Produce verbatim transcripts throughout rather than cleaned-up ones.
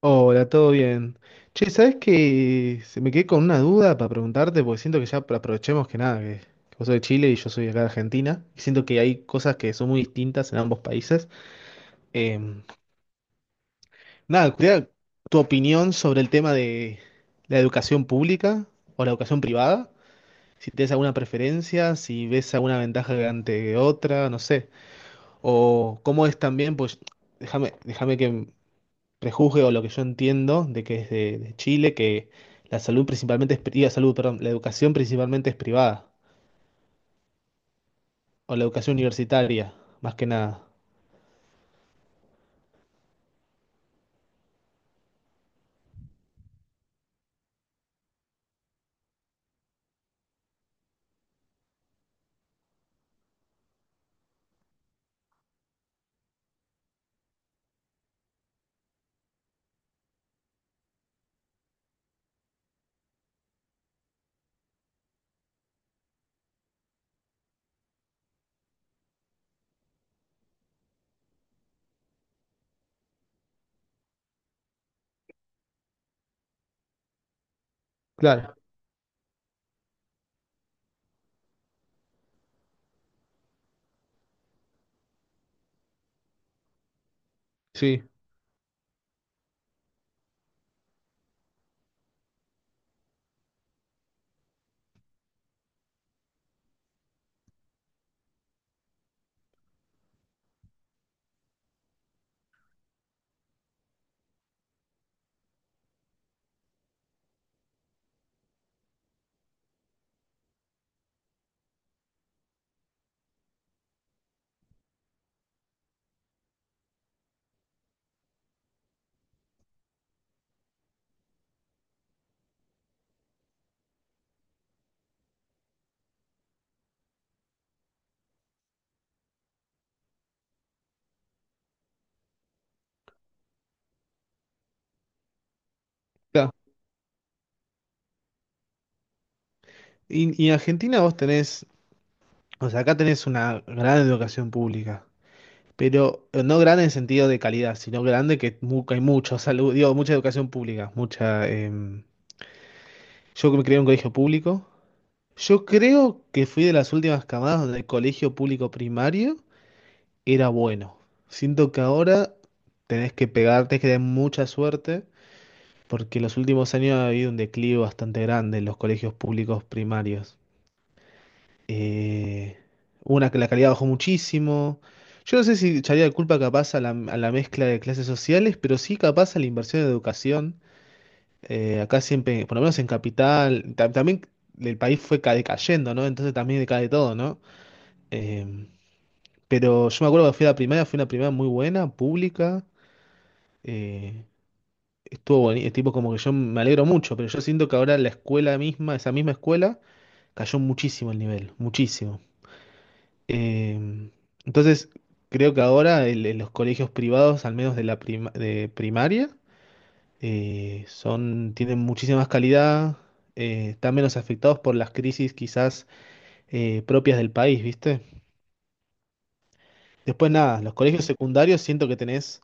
Hola, ¿todo bien? Che, ¿sabes que se me quedé con una duda para preguntarte? Porque siento que ya aprovechemos que nada, que, que vos sos de Chile y yo soy de acá de Argentina. Y siento que hay cosas que son muy distintas en ambos países. Em, Nada, quería tu opinión sobre el tema de la educación pública o la educación privada. Si tienes alguna preferencia, si ves alguna ventaja ante otra, no sé. O cómo es también, pues déjame, déjame que prejuzgue o lo que yo entiendo de que es de, de Chile, que la salud principalmente es, pri- la salud, perdón, la educación principalmente es privada, o la educación universitaria, más que nada. Claro, sí, claro. Y, y en Argentina vos tenés, o sea, acá tenés una gran educación pública, pero eh, no grande en sentido de calidad, sino grande que mu- que hay mucho salud, digo, mucha educación pública, mucha... em, yo que me crié en un colegio público. Yo creo que fui de las últimas camadas donde el colegio público primario era bueno. Siento que ahora tenés que pegar, tenés que tener mucha suerte, porque en los últimos años ha habido un declive bastante grande en los colegios públicos primarios. Eh, una que la calidad bajó muchísimo. Yo no sé si echaría de culpa capaz a la, a la mezcla de clases sociales, pero sí capaz a la inversión en educación. Eh, acá siempre, por lo menos en Capital, ta- también el país fue ca- decayendo, ¿no? Entonces también decae todo, ¿no? Eh, pero yo me acuerdo que fui a la primaria, fue una primaria muy buena, pública. Eh, Estuvo bonito, tipo como que yo me alegro mucho, pero yo siento que ahora la escuela misma, esa misma escuela, cayó muchísimo el nivel, muchísimo. Eh, entonces, creo que ahora el- el- los colegios privados, al menos de la prima- de primaria, eh, son, tienen muchísima más calidad, eh, están menos afectados por las crisis quizás eh, propias del país, ¿viste? Después nada, los colegios secundarios siento que tenés...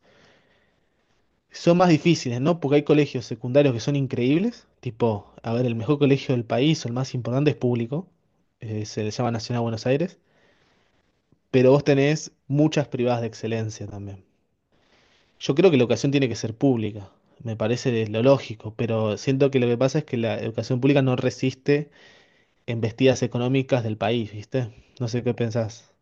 Son más difíciles, ¿no? Porque hay colegios secundarios que son increíbles, tipo, a ver, el mejor colegio del país o el más importante es público, eh, se le llama Nacional Buenos Aires, pero vos tenés muchas privadas de excelencia también. Yo creo que la educación tiene que ser pública, me parece de- lo lógico, pero siento que lo que pasa es que la educación pública no resiste embestidas económicas del país, ¿viste? No sé qué pensás.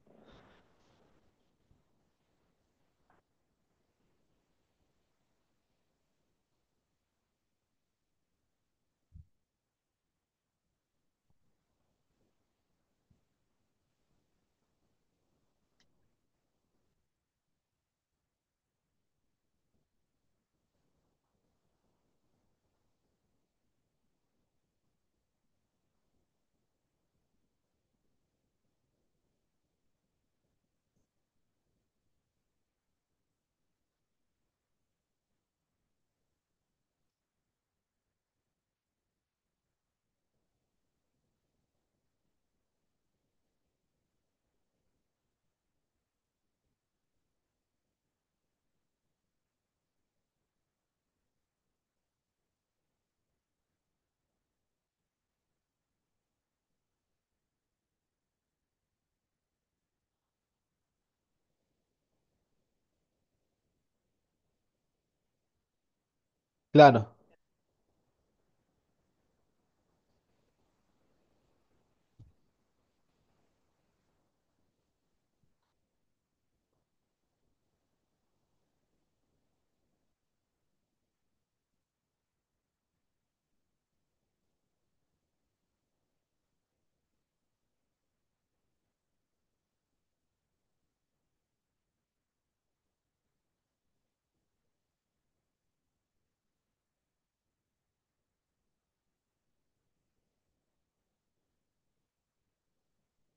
Claro.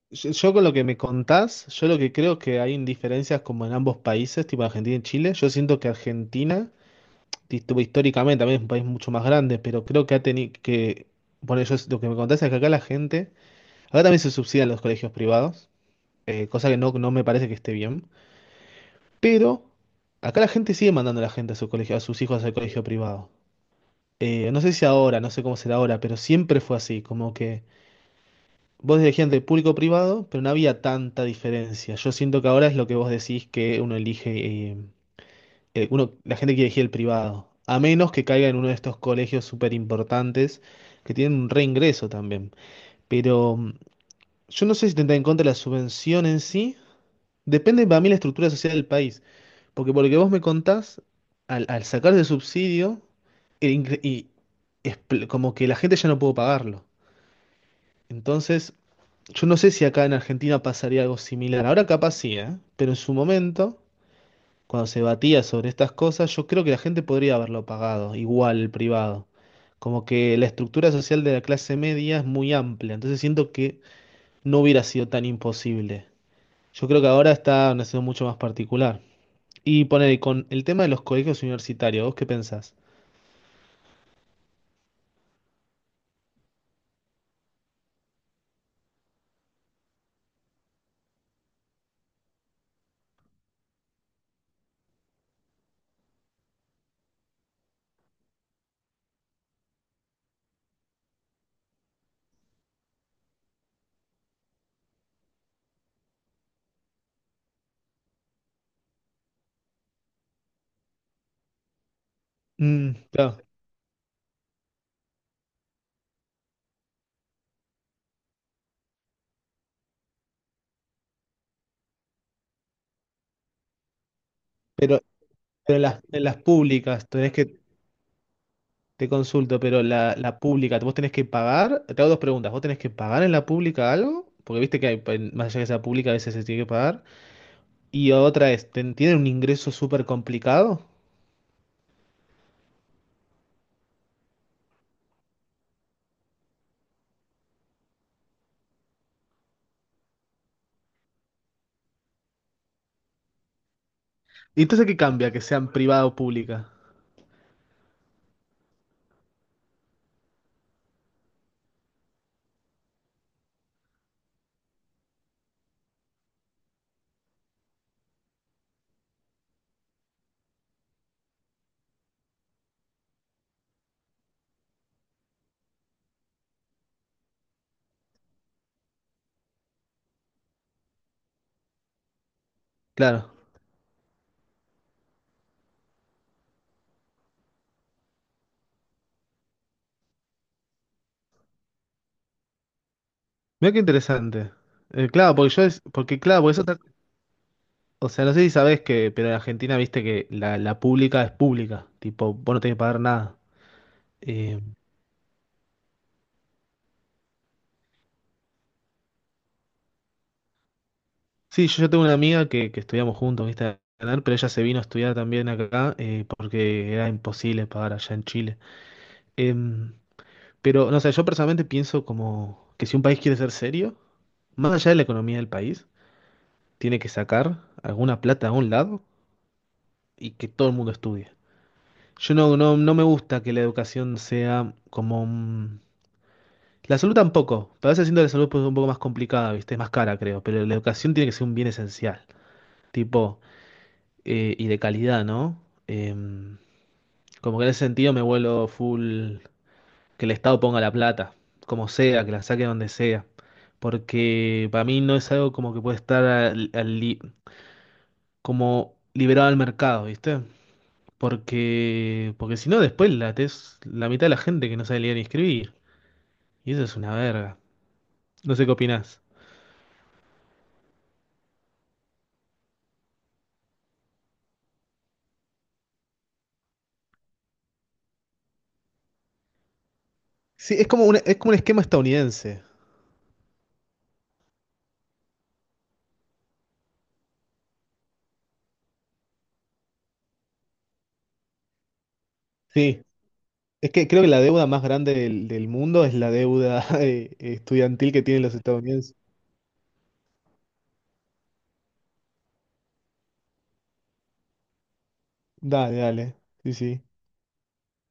Yo, yo con lo que me contás, yo lo que creo que hay indiferencias como en ambos países, tipo Argentina y Chile, yo siento que Argentina tipo, históricamente también es un país mucho más grande, pero creo que ha tenido que, por eso es- lo que me contás es que acá la gente, acá también se subsidian los colegios privados, eh, cosa que no, no me parece que esté bien, pero acá la gente sigue mandando a la gente a su colegio, a sus hijos al colegio privado. Eh, no sé si ahora, no sé cómo será ahora, pero siempre fue así, como que vos elegías entre público privado, pero no había tanta diferencia. Yo siento que ahora es lo que vos decís que uno elige, eh, eh, uno, la gente quiere elegir el privado, a menos que caiga en uno de estos colegios súper importantes que tienen un reingreso también. Pero mm, yo no sé si tendrá en contra la subvención en sí. Depende para mí la estructura social del país. Porque por lo que vos me contás, al, al sacar ese subsidio, el ingre- y expl- como que la gente ya no pudo pagarlo. Entonces, yo no sé si acá en Argentina pasaría algo similar. Ahora capaz sí, ¿eh? Pero en su momento cuando se batía sobre estas cosas, yo creo que la gente podría haberlo pagado, igual el privado. Como que la estructura social de la clase media es muy amplia, entonces siento que no hubiera sido tan imposible. Yo creo que ahora está una situación mucho más particular. Y poner y con el tema de los colegios universitarios, ¿vos qué pensás? Mm, claro, pero, pero las, en las públicas, tenés que, te consulto, pero la, la pública, ¿vos tenés que pagar? Te hago dos preguntas, ¿vos tenés que pagar en la pública algo? Porque viste que hay, en- más allá que sea pública, a veces se tiene que pagar. Y otra es, ten- tienen un ingreso súper complicado. ¿Y entonces qué cambia que sean privada o pública? Claro. Mira qué interesante. Eh, claro, porque yo es, porque claro, porque eso está- o sea, no sé si sabes que, pero en Argentina viste que la, la pública es pública, tipo, vos no tenés que pagar nada. Eh, sí, yo, yo tengo una amiga que, que estudiamos juntos, viste, a ganar, pero ella se vino a estudiar también acá, eh, porque era imposible pagar allá en Chile. Em, pero, no sé, yo personalmente pienso como que si un país quiere ser serio, más allá de la economía del país, tiene que sacar alguna plata a un lado y que todo el mundo estudie. Yo no, no, no me gusta que la educación sea como... un- La salud tampoco, pero a veces siento que la salud pues, un poco más complicada, ¿viste? Es más cara, creo, pero la educación tiene que ser un bien esencial, tipo, eh, y de calidad, ¿no? Em, Como que en ese sentido me vuelo full, que el Estado ponga la plata, como sea, que la saque donde sea, porque para mí no es algo como que puede estar al- al li- como liberado al mercado, ¿viste? Porque, porque si no, después la es la mitad de la gente que no sabe leer ni escribir. Y eso es una verga. No sé qué opinás. Sí, es como un, es como un esquema estadounidense. Sí, es que creo que la deuda más grande del, del mundo es la deuda eh, estudiantil que tienen los estadounidenses. Dale, dale. Sí, sí.